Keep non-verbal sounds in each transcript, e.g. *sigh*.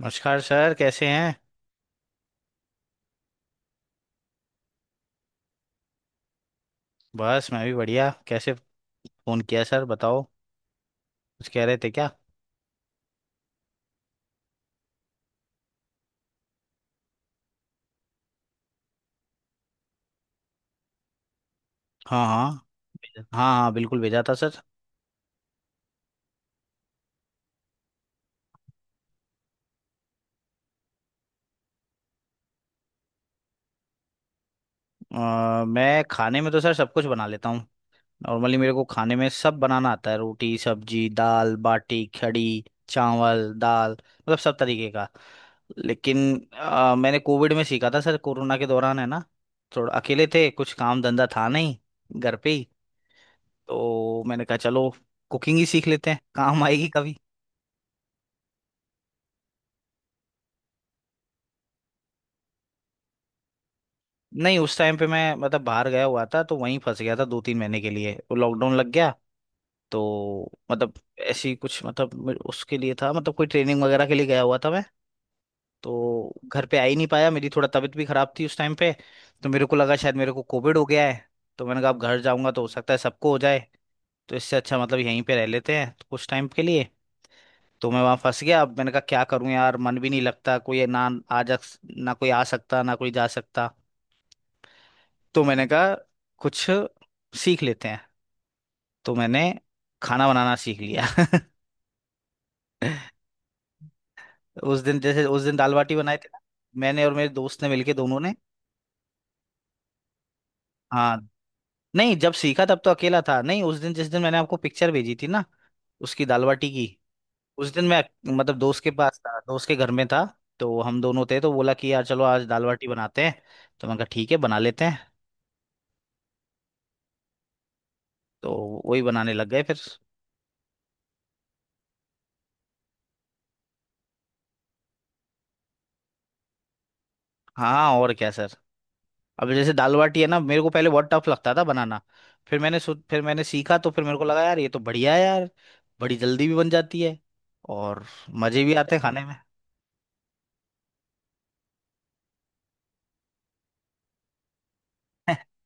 नमस्कार सर, कैसे हैं? बस, मैं भी बढ़िया। कैसे फ़ोन किया सर? बताओ। कुछ कह रहे थे क्या? हाँ हाँ भेजा। हाँ हाँ बिल्कुल भेजा था सर। मैं खाने में तो सर सब कुछ बना लेता हूँ। नॉर्मली मेरे को खाने में सब बनाना आता है, रोटी, सब्जी, दाल बाटी, खड़ी, चावल दाल, मतलब सब तरीके का। लेकिन मैंने कोविड में सीखा था सर, कोरोना के दौरान, है ना। थोड़ा अकेले थे, कुछ काम धंधा था नहीं, घर पे ही। तो मैंने कहा चलो कुकिंग ही सीख लेते हैं, काम आएगी कभी। नहीं, उस टाइम पे मैं मतलब बाहर गया हुआ था, तो वहीं फंस गया था दो तीन महीने के लिए, वो लॉकडाउन लग गया। तो मतलब ऐसी कुछ मतलब उसके लिए था, मतलब कोई ट्रेनिंग वगैरह के लिए गया हुआ था मैं, तो घर पे आ ही नहीं पाया। मेरी थोड़ा तबीयत भी खराब थी उस टाइम पे, तो मेरे को लगा शायद मेरे को कोविड हो गया है। तो मैंने कहा अब घर जाऊंगा तो हो सकता है सबको हो जाए। तो इससे अच्छा मतलब यहीं पे रह लेते हैं तो कुछ टाइम के लिए। तो मैं वहां फंस गया। अब मैंने कहा क्या करूं यार, मन भी नहीं लगता, कोई ना आ जा, ना कोई आ सकता ना कोई जा सकता। तो मैंने कहा कुछ सीख लेते हैं। तो मैंने खाना बनाना सीख लिया। *laughs* उस दिन जैसे उस दिन दाल बाटी बनाए थे ना, मैंने और मेरे दोस्त ने मिलके दोनों ने। हाँ। नहीं, जब सीखा तब तो अकेला था। नहीं, उस दिन जिस दिन मैंने आपको पिक्चर भेजी थी ना, उसकी दाल बाटी की, उस दिन मैं मतलब दोस्त के पास था, दोस्त के घर में था। तो हम दोनों थे तो बोला कि यार चलो आज दाल बाटी बनाते हैं। तो मैंने कहा ठीक है, बना लेते हैं। तो वही बनाने लग गए फिर। हाँ, और क्या सर। अब जैसे दाल बाटी है ना, मेरे को पहले बहुत टफ लगता था बनाना। फिर मैंने सीखा, तो फिर मेरे को लगा यार ये तो बढ़िया है यार। बड़ी जल्दी भी बन जाती है, और मजे भी आते हैं खाने में। *laughs*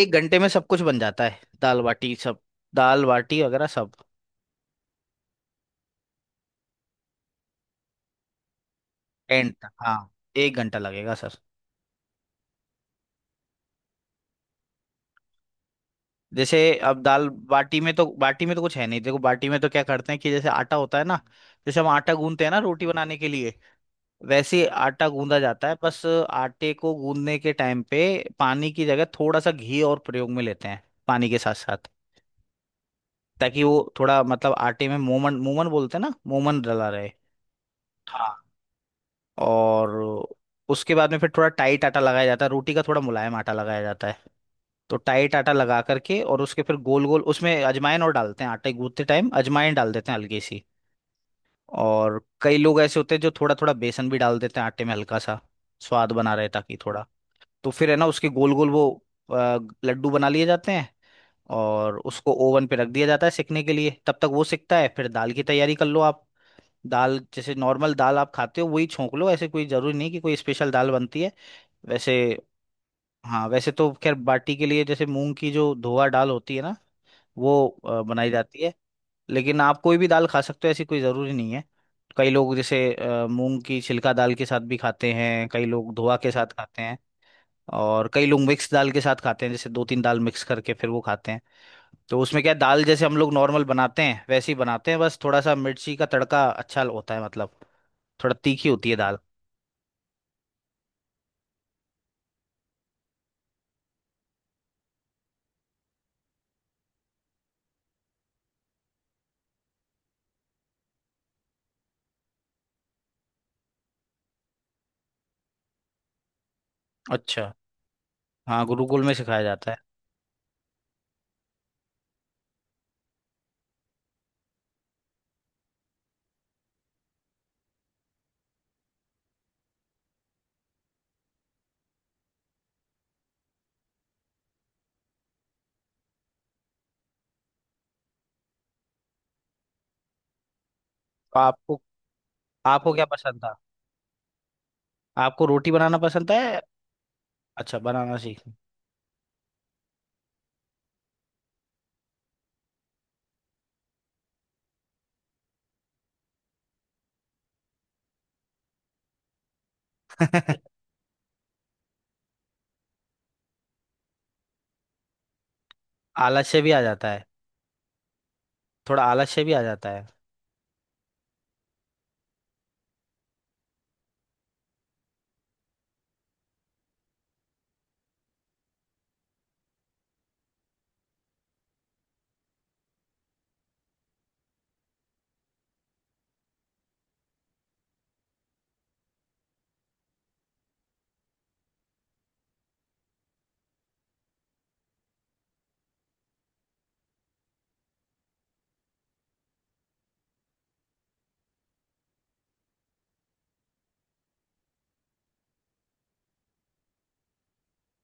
एक घंटे में सब कुछ बन जाता है, दाल बाटी सब, दाल बाटी वगैरह सब। एंड तक हाँ, एक घंटा लगेगा सर। जैसे अब दाल बाटी में तो, बाटी में तो कुछ है नहीं। देखो बाटी में तो क्या करते हैं कि जैसे आटा होता है ना, जैसे हम आटा गूंथते हैं ना रोटी बनाने के लिए, वैसे ही आटा गूंदा जाता है। बस आटे को गूंदने के टाइम पे पानी की जगह थोड़ा सा घी और प्रयोग में लेते हैं, पानी के साथ साथ, ताकि वो थोड़ा मतलब आटे में, मोमन, मोमन बोलते हैं ना, मोमन डला रहे। हाँ। और उसके बाद में फिर थोड़ा टाइट आटा लगाया जाता है, रोटी का थोड़ा मुलायम आटा लगाया जाता है। तो टाइट आटा लगा करके, और उसके फिर गोल गोल उसमें अजवाइन और डालते हैं, आटे गूंथते टाइम अजवाइन डाल देते हैं हल्की सी। और कई लोग ऐसे होते हैं जो थोड़ा थोड़ा बेसन भी डाल देते हैं आटे में हल्का सा, स्वाद बना रहे ताकि थोड़ा। तो फिर है ना उसके गोल गोल वो अ, लड्डू बना लिए जाते हैं, और उसको ओवन पे रख दिया जाता है सिकने के लिए। तब तक वो सिकता है, फिर दाल की तैयारी कर लो आप। दाल जैसे नॉर्मल दाल आप खाते हो वही छोंक लो, ऐसे कोई जरूरी नहीं कि कोई स्पेशल दाल बनती है वैसे। हाँ, वैसे तो खैर बाटी के लिए जैसे मूंग की जो धोआ दाल होती है ना, वो बनाई जाती है। लेकिन आप कोई भी दाल खा सकते हो, ऐसी कोई ज़रूरी नहीं है। कई लोग जैसे मूंग की छिलका दाल के साथ भी खाते हैं, कई लोग धोआ के साथ खाते हैं। और कई लोग मिक्स दाल के साथ खाते हैं, जैसे दो तीन दाल मिक्स करके फिर वो खाते हैं। तो उसमें क्या है, दाल जैसे हम लोग नॉर्मल बनाते हैं वैसे ही बनाते हैं, बस थोड़ा सा मिर्ची का तड़का अच्छा होता है, मतलब थोड़ा तीखी होती है दाल। अच्छा। हाँ, गुरुकुल में सिखाया जाता है। तो आपको आपको क्या पसंद था? आपको रोटी बनाना पसंद है? अच्छा, बनाना सीख। *laughs* आलस से भी आ जाता है, थोड़ा आलस से भी आ जाता है।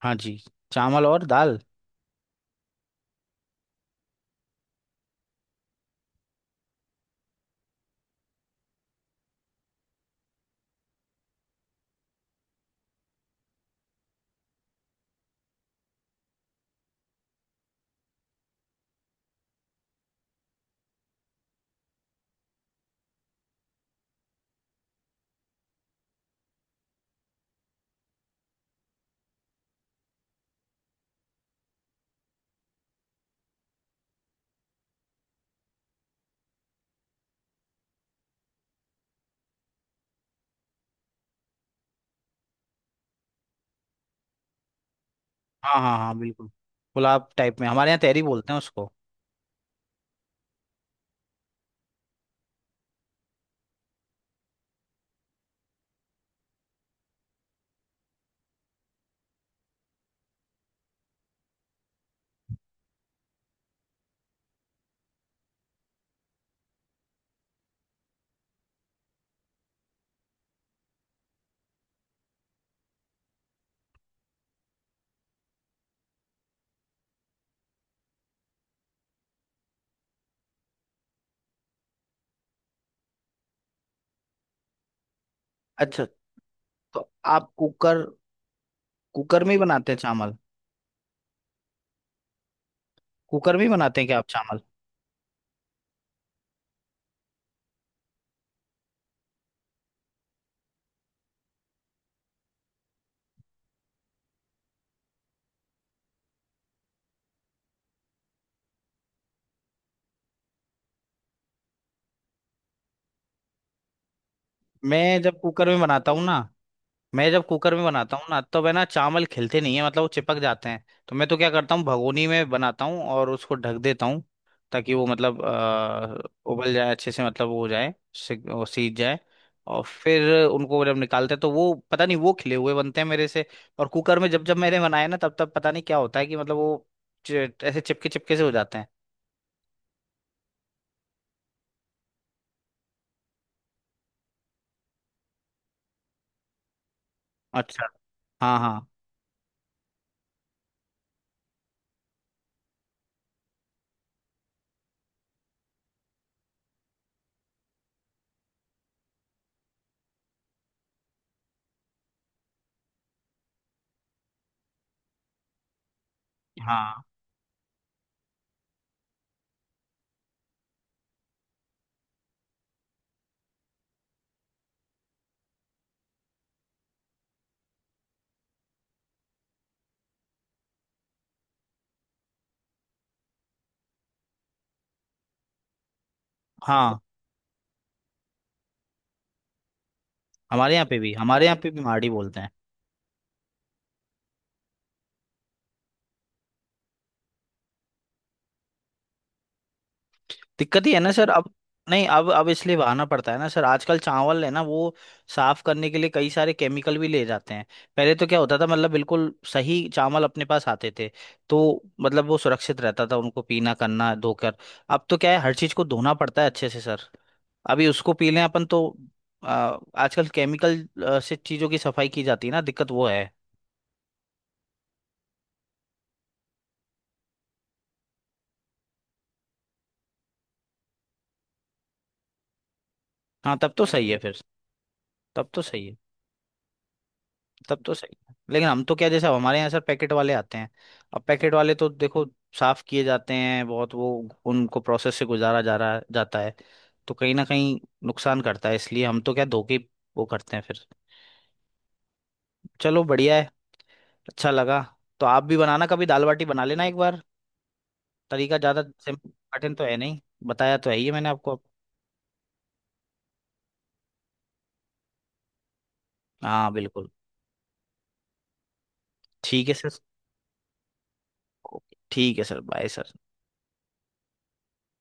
हाँ जी। चावल और दाल। हाँ हाँ हाँ बिल्कुल। पुलाव टाइप में हमारे यहाँ तहरी बोलते हैं उसको। अच्छा। तो आप कुकर कुकर में ही बनाते हैं चावल? कुकर में ही बनाते हैं क्या आप चावल? मैं जब कुकर में बनाता हूँ ना मैं जब कुकर में बनाता हूँ ना, तब है ना चावल खिलते नहीं है, मतलब वो चिपक जाते हैं। तो मैं तो क्या करता हूँ, भगोनी में बनाता हूँ और उसको ढक देता हूँ, ताकि वो मतलब उबल जाए अच्छे से, मतलब वो हो जाए वो सीज जाए। और फिर उनको जब निकालते हैं तो वो पता नहीं, वो खिले हुए बनते हैं मेरे से। और कुकर में जब जब मैंने बनाए ना, तब तब पता नहीं क्या होता है कि मतलब वो ऐसे चिपके चिपके से हो जाते हैं। अच्छा। हाँ हाँ हाँ हाँ। हमारे यहाँ पे भी माड़ी बोलते हैं। दिक्कत ही है ना सर अब। नहीं, अब इसलिए बहाना पड़ता है ना सर, आजकल चावल है ना वो साफ करने के लिए कई सारे केमिकल भी ले जाते हैं। पहले तो क्या होता था मतलब बिल्कुल सही चावल अपने पास आते थे, तो मतलब वो सुरक्षित रहता था उनको पीना करना धोकर। अब तो क्या है हर चीज को धोना पड़ता है अच्छे से सर। अभी उसको पी लें अपन तो। आ, आजकल केमिकल से चीजों की सफाई की जाती है ना, दिक्कत वो है। हाँ, तब तो सही है फिर। तब तो सही है। तब तो सही है। लेकिन हम तो क्या, जैसे अब हमारे यहाँ सर पैकेट वाले आते हैं। अब पैकेट वाले तो देखो साफ किए जाते हैं बहुत वो, उनको प्रोसेस से गुजारा जा रहा जाता है। तो कहीं ना कहीं नुकसान करता है, इसलिए हम तो क्या धोके ही वो करते हैं फिर। चलो, बढ़िया है। अच्छा लगा। तो आप भी बनाना कभी, दाल बाटी बना लेना एक बार। तरीका ज़्यादा सिंपल, कठिन तो है नहीं। बताया तो है ही है मैंने आपको। हाँ बिल्कुल। ठीक है सर। ओके ठीक है सर, बाय सर।